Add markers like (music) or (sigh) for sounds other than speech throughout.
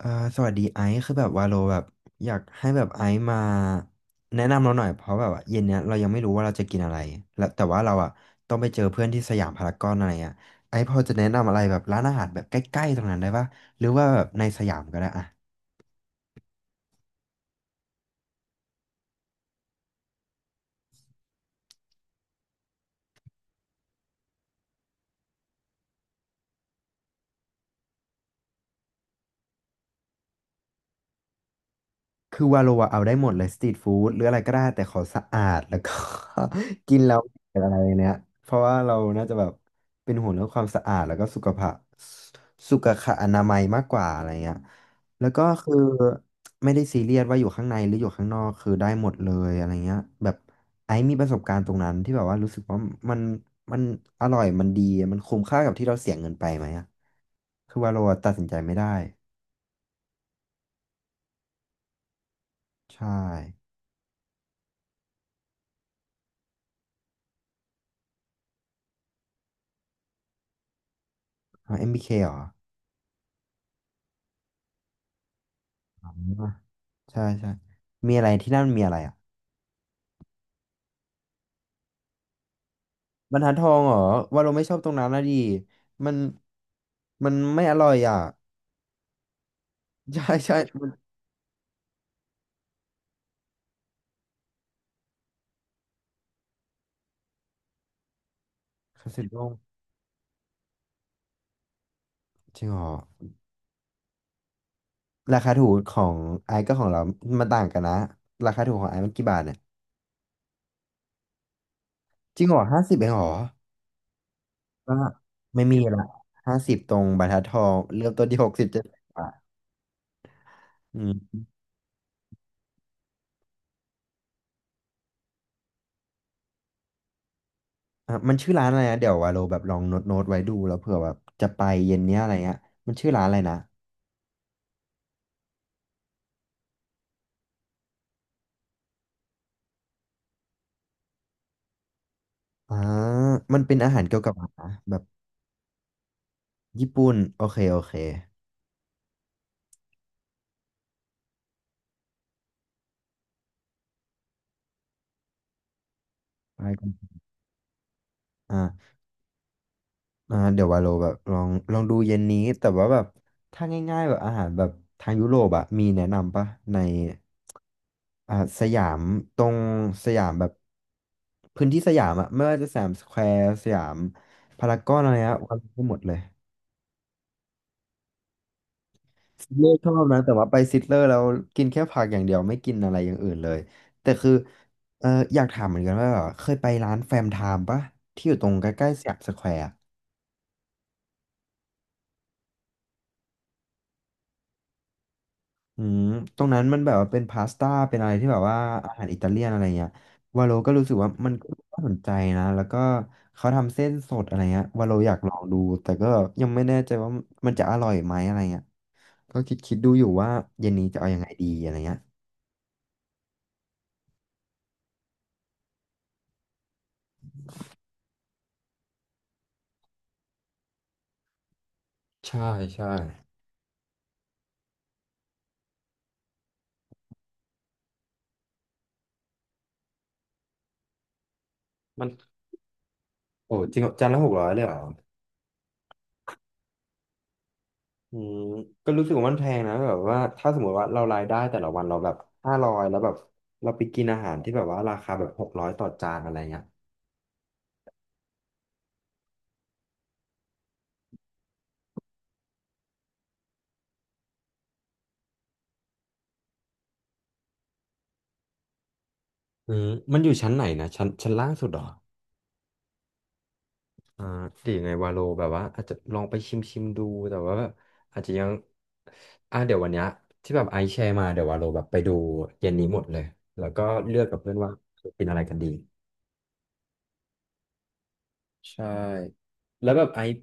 อ่าสวัสดีไอซ์คือแบบว่าโลแบบอยากให้แบบไอซ์มาแนะนำเราหน่อยเพราะแบบว่าเย็นเนี้ยเรายังไม่รู้ว่าเราจะกินอะไรแล้วแต่ว่าเราอ่ะต้องไปเจอเพื่อนที่สยามพารากอนอะไรอ่ะไอซ์พอจะแนะนำอะไรแบบร้านอาหารแบบใกล้ๆตรงนั้นได้ปะหรือว่าแบบในสยามก็ได้อ่ะ คือวาโลอะเอาได้หมดเลยสตรีทฟู้ดหรืออะไรก็ได้แต่ขอสะอาด (laughs) แล้วก็ (laughs) กินแล้วไม่เป็นอะไรเนี้ยเพราะว่าเราน่าจะแบบเป็นห่วงเรื่องความสะอาดแล้วก็สุขภาพสุขะอนามัยมากกว่าอะไรเงี้ยแล้วก็คือไม่ได้ซีเรียสว่าอยู่ข้างในหรืออยู่ข้างนอกคือได้หมดเลยอะไรเงี้ยแบบไอ้มีประสบการณ์ตรงนั้นที่แบบว่ารู้สึกว่ามันมันอร่อยมันดีมันคุ้มค่ากับที่เราเสียเงินไปไหมอะคือวาโลตัดสินใจไม่ได้ใช่เอาเอ็มบีเคเหรอ ใช่ใช่มีอะไรที่นั่นมีอะไรอ่ะบรรทัดทองเหรอว่าเราไม่ชอบตรงนั้นนะดิมันมันไม่อร่อยอ่ะ (laughs) ใช่ใช่มันคาสิโงจริงเหรอราคาถูกของไอ้กับของเรามันต่างกันนะราคาถูกของไอ้์มันกี่บาทเนี่ยจริงเหรอ50 เองเหรอก็ไม่มีละ50 ตรงบรรทัดทองเริ่มต้นที่60 70 บาทอืมอ่ะมันชื่อร้านอะไรนะเดี๋ยววาโลแบบลองโน้ตโน้ตไว้ดูแล้วเผื่อแบบจะไปเย็นเนี้ยอะไรเงี้ยมันชื่อร้านอะไรนะ อ่ามันเป็นอาหารเกี่ยวกับอาหารนะแบบญี่ปุ่นโอเคโอเคไปกันอ่าเดี๋ยววาโลแบบลองลองดูเย็นนี้แต่ว่าแบบถ้าง่ายๆแบบอาหารแบบทางยุโรปอะมีแนะนำปะในสยามตรงสยามแบบพื้นที่สยามอะไม่ว่าจะสยามสแควร์สยามพารากอนอะไรเงี้ยวาโลได้หมดเลย ซิตเลอร์ชอบนะแต่ว่าไปซิตเลอร์แล้วกินแค่ผักอย่างเดียวไม่กินอะไรอย่างอื่นเลยแต่คือเอออยากถามเหมือนกันว่าแบบเคยไปร้านแฟมไทม์ปะที่อยู่ตรงใกล้ๆสยามสแควร์อะอืมตรงนั้นมันแบบว่าเป็นพาสต้าเป็นอะไรที่แบบว่าอาหารอิตาเลียนอะไรเงี้ยวาโลก็รู้สึกว่ามันก็น่าสนใจนะแล้วก็เขาทำเส้นสดอะไรเงี้ยวาโลอยากลองดูแต่ก็ยังไม่แน่ใจว่ามันจะอร่อยไหมอะไรเงี้ยก็คิดคิดดูอยู่ว่าเย็นนี้จะเอายังไงดีอะไรเงี้ยใช่ใช่มัน โอ้จริงเหรอจานละ 600เลยเหรออืมก็รู้สึกว่ามันแพงนะแบบว่าถ้าสมมติว่าเรารายได้แต่ละวันเราแบบ500แล้วแบบเราไปกินอาหารที่แบบว่าราคาแบบ600 ต่อจานอะไรเงี้ยอืมมันอยู่ชั้นไหนนะชั้นชั้นล่างสุดเหรออ่าหรือยังไงวาโลแบบว่าอาจจะลองไปชิมชิมดูแต่ว่าแบบอาจจะยังเดี๋ยววันเนี้ยที่แบบไอซ์แชร์มาเดี๋ยววาโลแบบไปดูเย็นนี้หมดเลยแล้วก็เลือกกับเพื่อนว่าเป็นอะไรกันดีใช่แล้วแบบไอซ์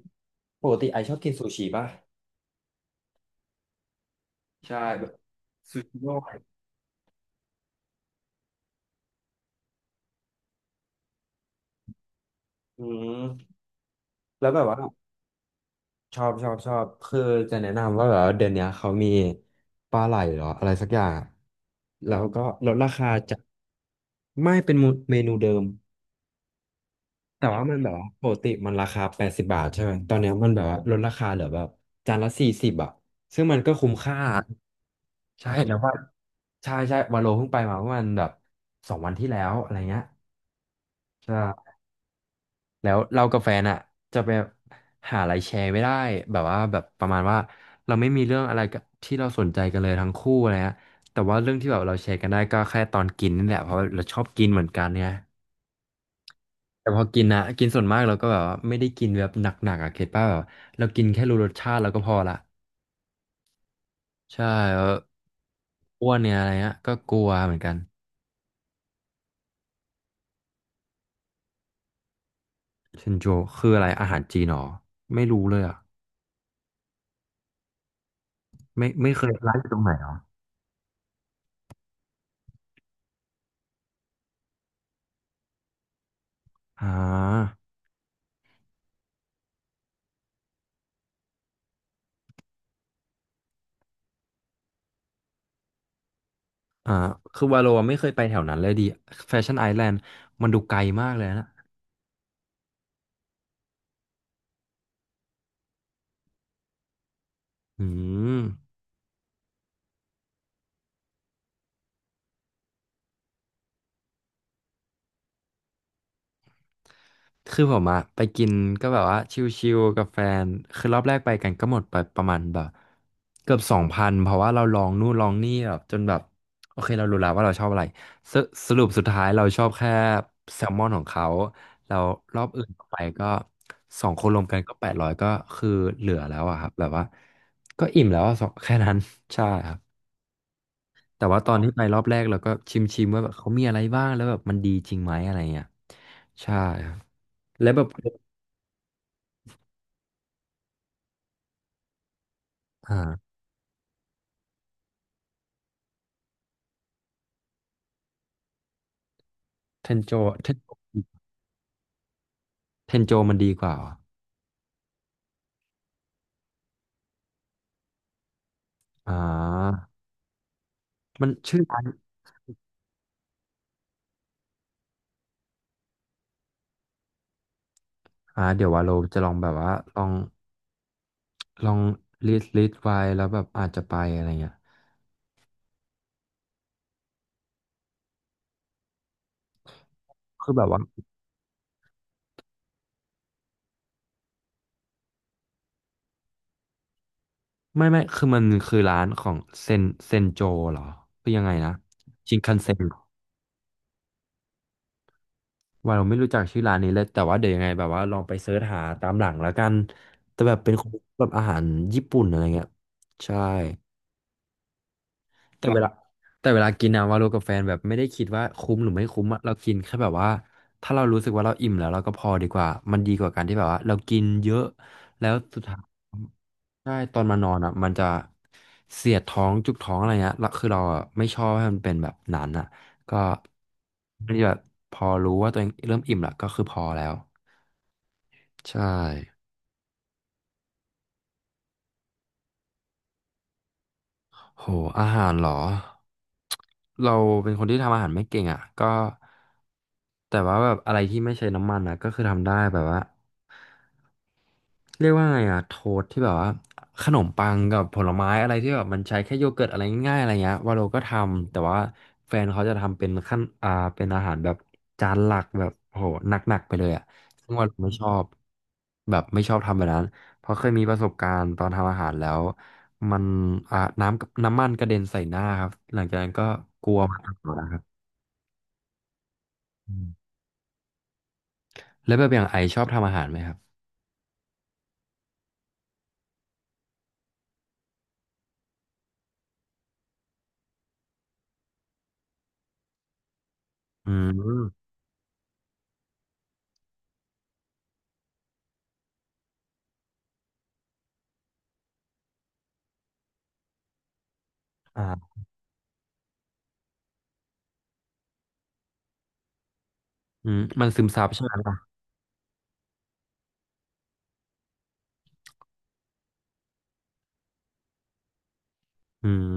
ปกติไอซ์ชอบกินซูชิป่ะ ใช่แบบซูชิโร่อืมแล้วแบบว่าชอบชอบชอบคือจะแนะนำว่าแบบว่าเดือนเนี้ยเขามีปลาไหลเหรออะไรสักอย่างอะแล้วก็ลดราคาจากไม่เป็นเมนูเดิมแต่ว่ามันแบบว่าปกติมันราคา80 บาทใช่ไหมตอนเนี้ยมันแบบว่าลดราคาเหลือแบบจานละ 40อ่ะซึ่งมันก็คุ้มค่าใช่แล้วว่าใช่ใช่วาโลเพิ่งไปมาเมื่อวันแบบ2 วันที่แล้วอะไรเงี้ยใช่ แล้วเรากับแฟนอ่ะจะไปหาอะไรแชร์ไม่ได้แบบว่าแบบประมาณว่าเราไม่มีเรื่องอะไรกับที่เราสนใจกันเลยทั้งคู่อะไรเงี้ยแต่ว่าเรื่องที่แบบเราแชร์กันได้ก็แค่ตอนกินนี่แหละเพราะว่าเราชอบกินเหมือนกันเนี่ยแต่พอกินนะกินส่วนมากเราก็แบบว่าไม่ได้กินแบบหนักๆอ่ะเข็ดป่ะแบบเรากินแค่รู้รสชาติเราก็พอละใช่แล้วอ้วนเนี่ยอะไรเงี้ยก็กลัวเหมือนกันเชนโจคืออะไรอาหารจีนหรอไม่รู้เลยอ่ะไม่เคยร้านอยู่ตรงไหนหรออ่า อ่าคือวาโลไม่เคยไปแถวนั้นเลยดิแฟชั่นไอแลนด์มันดูไกลมากเลยนะอืมคือผมอะไปกินก็แบบว่าชิลๆกับแฟนคือรอบแรกไปกันก็หมดไปประมาณแบบเกือบ2,000เพราะว่าเราลองนู่นลองนี่แบบจนแบบโอเคเรารู้แล้วว่าเราชอบอะไรสสรุปสุดท้ายเราชอบแค่แซลมอนของเขาแล้วรอบอื่นไปก็สองคนรวมกันก็800ก็คือเหลือแล้วอะครับแบบว่าก็อิ่มแล้วอะสอง (laughs) แค่นั้น (laughs) ใช่ครับ แต่ว่าตอนที่ไปรอบแรกเราก็ชิมว่าแบบเขามีอะไรบ้างแล้วแบบมันดีจริงไหมอะไรเงี้ยใช่ครับแล้วแบบอ่าเทนโจเทนเทนโจมันดีกว่าเหรออ่ามันชื่อร้านอ่าเดี๋ยวว่าเราจะลองแบบว่าลองลิสต์ไว้แล้วแบบอาจจะไปอะไรเงี้ยคือแบบว่าไม่คือมันคือร้านของเซนเซนโจเหรอคือยังไงนะชินคันเซ็น ว่าเราไม่รู้จักชื่อร้านนี้เลยแต่ว่าเดี๋ยวยังไงแบบว่าลองไปเสิร์ชหาตามหลังแล้วกันแต่แบบเป็นของแบบอาหารญี่ปุ่นอะไรเงี้ยใช่ แต่เวลาแต่เวลากินอะวาโลกับแฟนแบบไม่ได้คิดว่าคุ้มหรือไม่คุ้มอะเรากินแค่แบบว่าถ้าเรารู้สึกว่าเราอิ่มแล้วเราก็พอดีกว่ามันดีกว่าการที่แบบว่าเรากินเยอะแล้วสุดท้ายใช่ตอนมานอนอะมันจะเสียดท้องจุกท้องอะไรเงี้ยแล้วคือเราอะไม่ชอบให้มันเป็นแบบนั้นอะก็อันจะแบบพอรู้ว่าตัวเองเริ่มอิ่มละก็คือพอแล้วใช่ โห อาหารเหรอ เราเป็นคนที่ทำอาหารไม่เก่งอ่ะ ก็แต่ว่าแบบอะไรที่ไม่ใช้น้ำมันอ่ะก็คือทำได้แบบว่า เรียกว่าไงอะโทสที่แบบว่าขนมปังกับผลไม้อะไรที่แบบมันใช้แค่โยเกิร์ตอะไรง่ายๆอะไรเงี้ยวาโลก็ทำแต่ว่าแฟนเขาจะทำเป็นขั้นอ่าเป็นอาหารแบบจานหลักแบบโหหนักๆไปเลยอะซึ่งวาโลไม่ชอบแบบไม่ชอบทำแบบนั้นเพราะเคยมีประสบการณ์ตอนทำอาหารแล้วมันอ่าน้ำกับน้ำมันกระเด็นใส่หน้าครับหลังจากนั้นก็กลัวมากอืมแล้วแบบอย่างไอชอบทำอาหารไหมครับอืมอ่าอืมมันซึมซับใช่ไหม อืม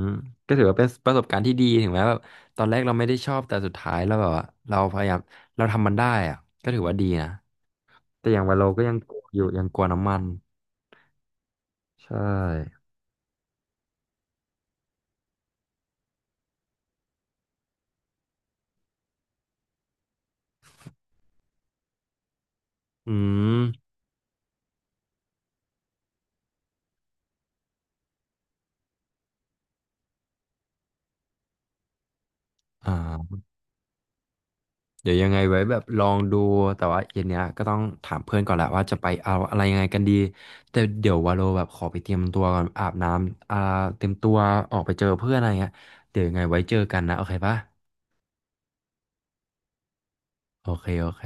ก็ถือว่าเป็นประสบการณ์ที่ดีถึงแม้แบบตอนแรกเราไม่ได้ชอบแต่สุดท้ายเราแบบว่าเราพยายามเราทำมันได้อะก็ถือว่าดีนะแต่อย่างว่าโลก็ยังกลัวอยู่ยังกลัวน้ำมันใช่อืมอ่าเดี๋ยวยังไงไว้แบบลองดูแต่ว่าเย็นเนี้ยก็ต้องถามเพื่อนก่อนแหละว่าจะไปเอาอะไรยังไงกันดีแต่เดี๋ยววาโลแบบขอไปเตรียมตัวก่อนอาบน้ำอ่าเตรียมตัวออกไปเจอเพื่อนอะไรเงี้ยเดี๋ยวยังไงไว้เจอกันนะโอเคปะโอเคโอเค